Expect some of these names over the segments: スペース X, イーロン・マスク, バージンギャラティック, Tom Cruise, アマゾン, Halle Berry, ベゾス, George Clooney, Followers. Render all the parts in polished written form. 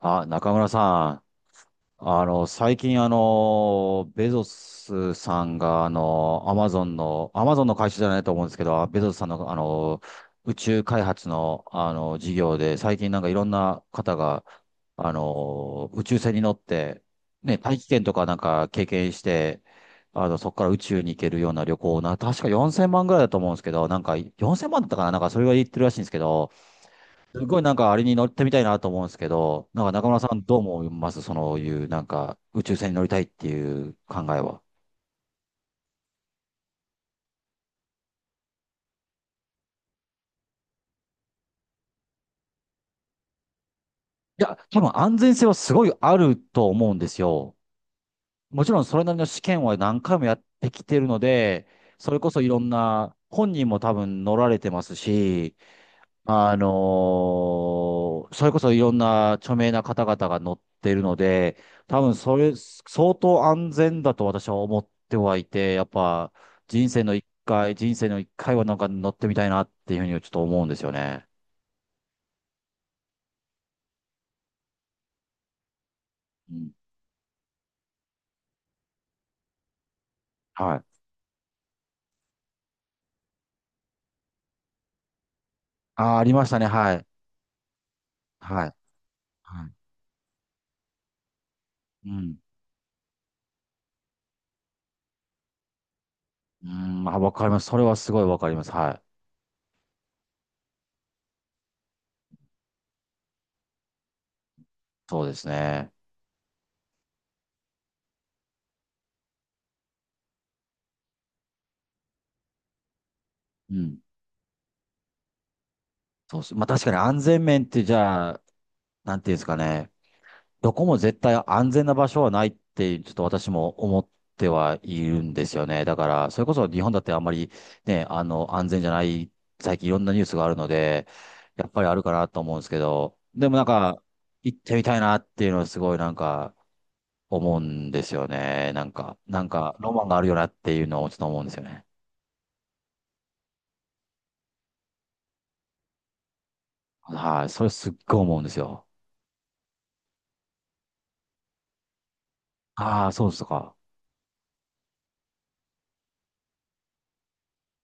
あ、中村さん、最近、ベゾスさんが、アマゾンの会社じゃないと思うんですけど、ベゾスさんの、宇宙開発の、事業で、最近なんかいろんな方が、宇宙船に乗って、ね、大気圏とかなんか経験して、そこから宇宙に行けるような旅行な、確か4000万ぐらいだと思うんですけど、なんか4000万だったかな、なんかそれは言ってるらしいんですけど、すごいなんかあれに乗ってみたいなと思うんですけど、なんか中村さんどう思いますそういうなんか宇宙船に乗りたいっていう考えは？いや、多分安全性はすごいあると思うんですよ。もちろんそれなりの試験は何回もやってきてるので、それこそいろんな、本人も多分乗られてますし、それこそいろんな著名な方々が乗ってるので、多分それ、相当安全だと私は思ってはいて、やっぱ人生の一回、人生の一回はなんか乗ってみたいなっていうふうにちょっと思うんですよね。うん。はい。あー、ありましたね。はい。はい。はい。うん。うん、まあ、わかります。それはすごいわかります。はい。そうですね。うん。そうです。まあ確かに安全面ってじゃあ、なんていうんですかね。どこも絶対安全な場所はないって、ちょっと私も思ってはいるんですよね。だから、それこそ日本だってあんまりね、安全じゃない、最近いろんなニュースがあるので、やっぱりあるかなと思うんですけど、でもなんか、行ってみたいなっていうのはすごいなんか、思うんですよね。なんか、なんか、ロマンがあるよなっていうのをちょっと思うんですよね。はい、それすっごい思うんですよ。ああ、そうですとか。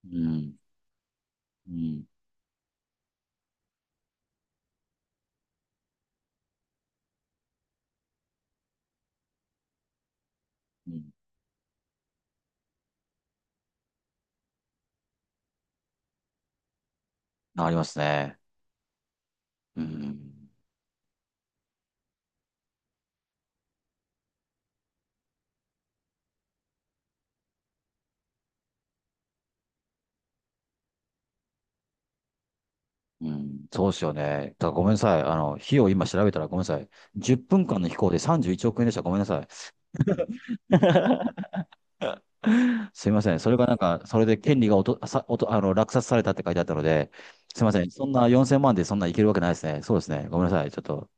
うん、うん、うん。ありますね。うん。うん、そうですよね。ただごめんなさい。費用今調べたらごめんなさい。10分間の飛行で31億円でした。ごめんなさい。すいません。それがなんか、それで権利がおと、さ、おと、あの、落札されたって書いてあったので、すいません。そんな4000万でそんないけるわけないですね。そうですね。ごめんなさい。ちょっと。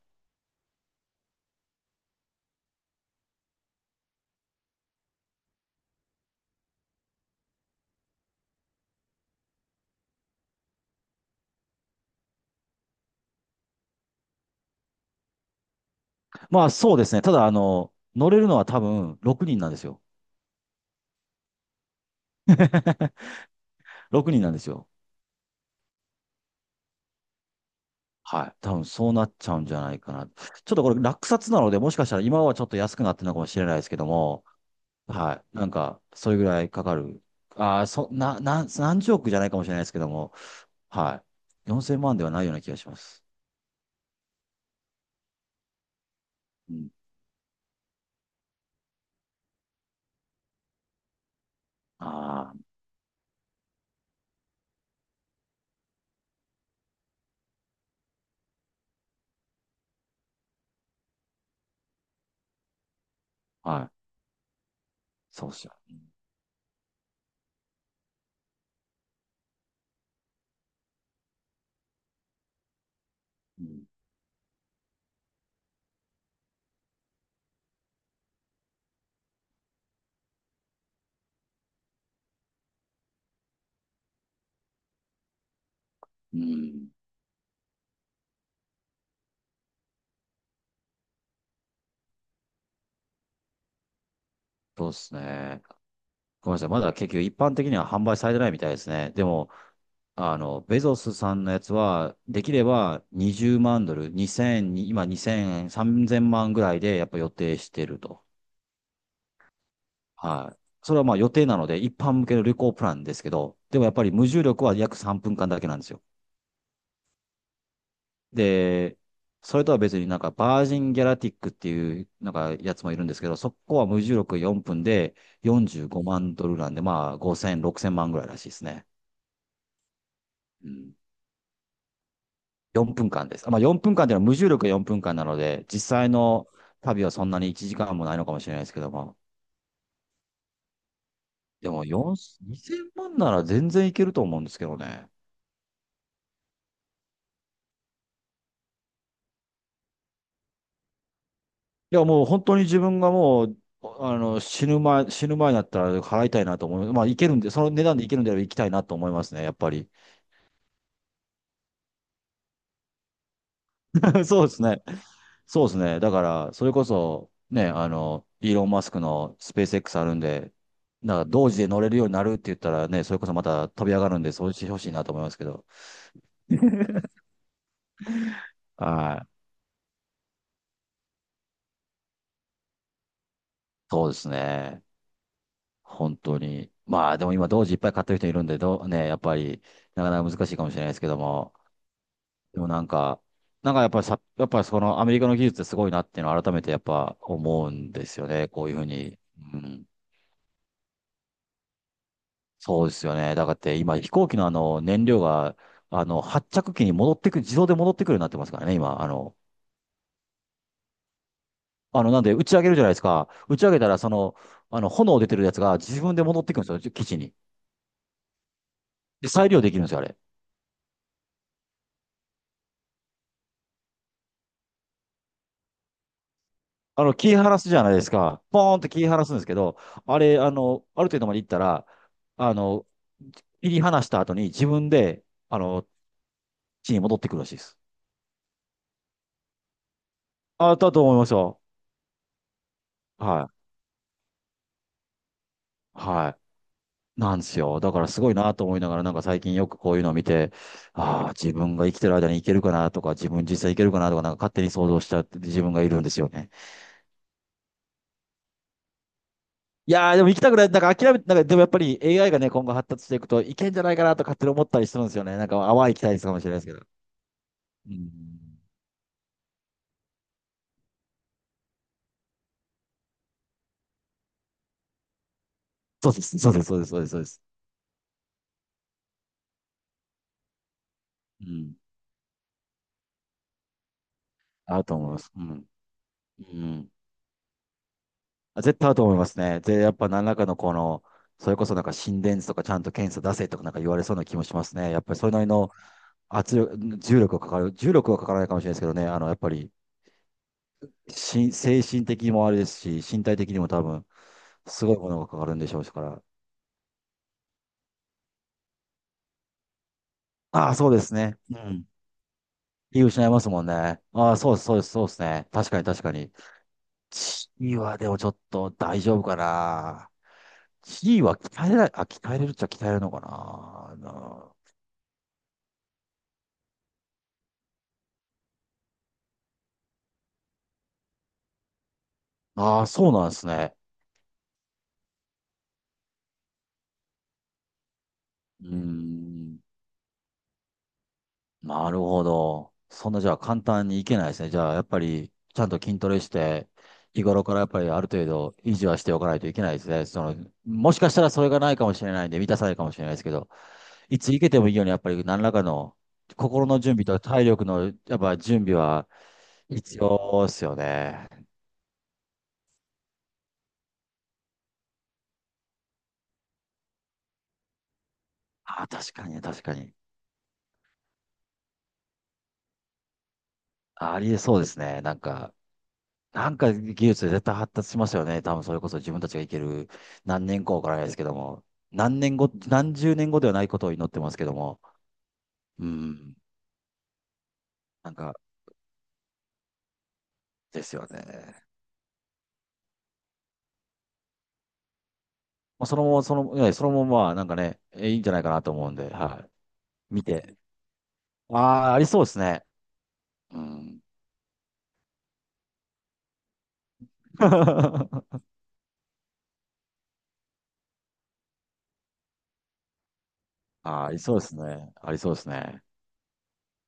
まあそうですね。ただ、乗れるのは多分6人なんですよ。6人なんですよ。はい。多分そうなっちゃうんじゃないかな。ちょっとこれ落札なので、もしかしたら今はちょっと安くなってるのかもしれないですけども、はい。なんか、それぐらいかかる。ああ、そ、な、な、何十億じゃないかもしれないですけども、はい。4000万ではないような気がします。うん。ああ、はい。そうっすよ。うん。うん。そうっすね。ごめんなさい。まだ結局一般的には販売されてないみたいですね。でも、ベゾスさんのやつは、できれば20万ドル、2 0 0今2000、3000万ぐらいでやっぱ予定してると。はい。それはまあ予定なので、一般向けの旅行プランですけど、でもやっぱり無重力は約3分間だけなんですよ。で、それとは別になんかバージンギャラティックっていうなんかやつもいるんですけど、そこは無重力4分で45万ドルなんで、まあ5千0 0 6 0万ぐらいらしいですね。うん、4分間です。まあ4分間っていうのは無重力が4分間なので、実際の旅はそんなに1時間もないのかもしれないですけども。でも4、2000万なら全然いけると思うんですけどね。いや、もう本当に自分がもう、死ぬ前になったら払いたいなと思います。まあ、いけるんで、その値段でいけるんであれば行きたいなと思いますね、やっぱり。そうですね。そうですね。だから、それこそ、ね、イーロン・マスクのスペース X あるんで、なんか同時で乗れるようになるって言ったらね、それこそまた飛び上がるんで、そうしてほしいなと思いますけど。はい。そうですね。本当に。まあ、でも今、同時いっぱい買ってる人いるんで、どう、ね、やっぱり、なかなか難しいかもしれないですけども。でもなんか、なんかやっぱりさ、やっぱりそのアメリカの技術ってすごいなっていうのを改めてやっぱ思うんですよね。こういうふうに。うん。そうですよね。だからって今飛行機のあの燃料が、発着機に戻ってくる、自動で戻ってくるようになってますからね、今。なんで打ち上げるじゃないですか。打ち上げたらその、炎出てるやつが自分で戻ってくるんですよ、基地に。で、再利用できるんですよ、あれ。切り離すじゃないですか。ポーンって切り離すんですけど、あれ、ある程度まで行ったら、あの、切り離した後に自分で、地に戻ってくるらしいです。あ、だと思いますよ。はい。はい。なんですよ。だからすごいなと思いながら、なんか最近よくこういうのを見て、ああ、自分が生きてる間に行けるかなとか、自分実際行けるかなとか、なんか勝手に想像しちゃって自分がいるんですよね。いやー、でも行きたくない。なんか諦めて、なんかでもやっぱり AI がね、今後発達していくといけんじゃないかなと勝手に思ったりするんですよね。なんか淡い期待ですかもしれないですけど。うん。そうです、そうです、そうです、そうです、そうです。うん。合うと思います。うん。うん。あ、絶対合うと思いますね。で、やっぱ何らかのこの、それこそなんか心電図とかちゃんと検査出せとかなんか言われそうな気もしますね。やっぱりそれなりの圧力、重力がかかる、重力はかからないかもしれないですけどね、やっぱり精神的にもあれですし、身体的にも多分、すごいものがかかるんでしょうから。ああ、そうですね。うん。気を失いますもんね。ああ、そうです、そうです、そうですね。確かに、確かに。地位はでもちょっと大丈夫かな。地位は鍛えれるっちゃ鍛えれるのかな。ああ、そうなんですね。うーん、なるほど。そんなじゃあ簡単にいけないですね。じゃあやっぱりちゃんと筋トレして、日頃からやっぱりある程度維持はしておかないといけないですね。その、もしかしたらそれがないかもしれないんで、満たさないかもしれないですけど、いついけてもいいようにやっぱり何らかの心の準備と体力のやっぱ準備は必要ですよね。あー、確かに、確かに。あ、ありえそうですね。なんか、なんか技術で絶対発達しますよね。多分それこそ自分たちがいける何年後からですけども、何年後、何十年後ではないことを祈ってますけども、うん、なんか、ですよね。まあ、そのまま、その、そのまま、なんかね、いいんじゃないかなと思うんで、はい。見て。ああ、ありそうですね。うん。ああ、ありそうですね。ありそうですね。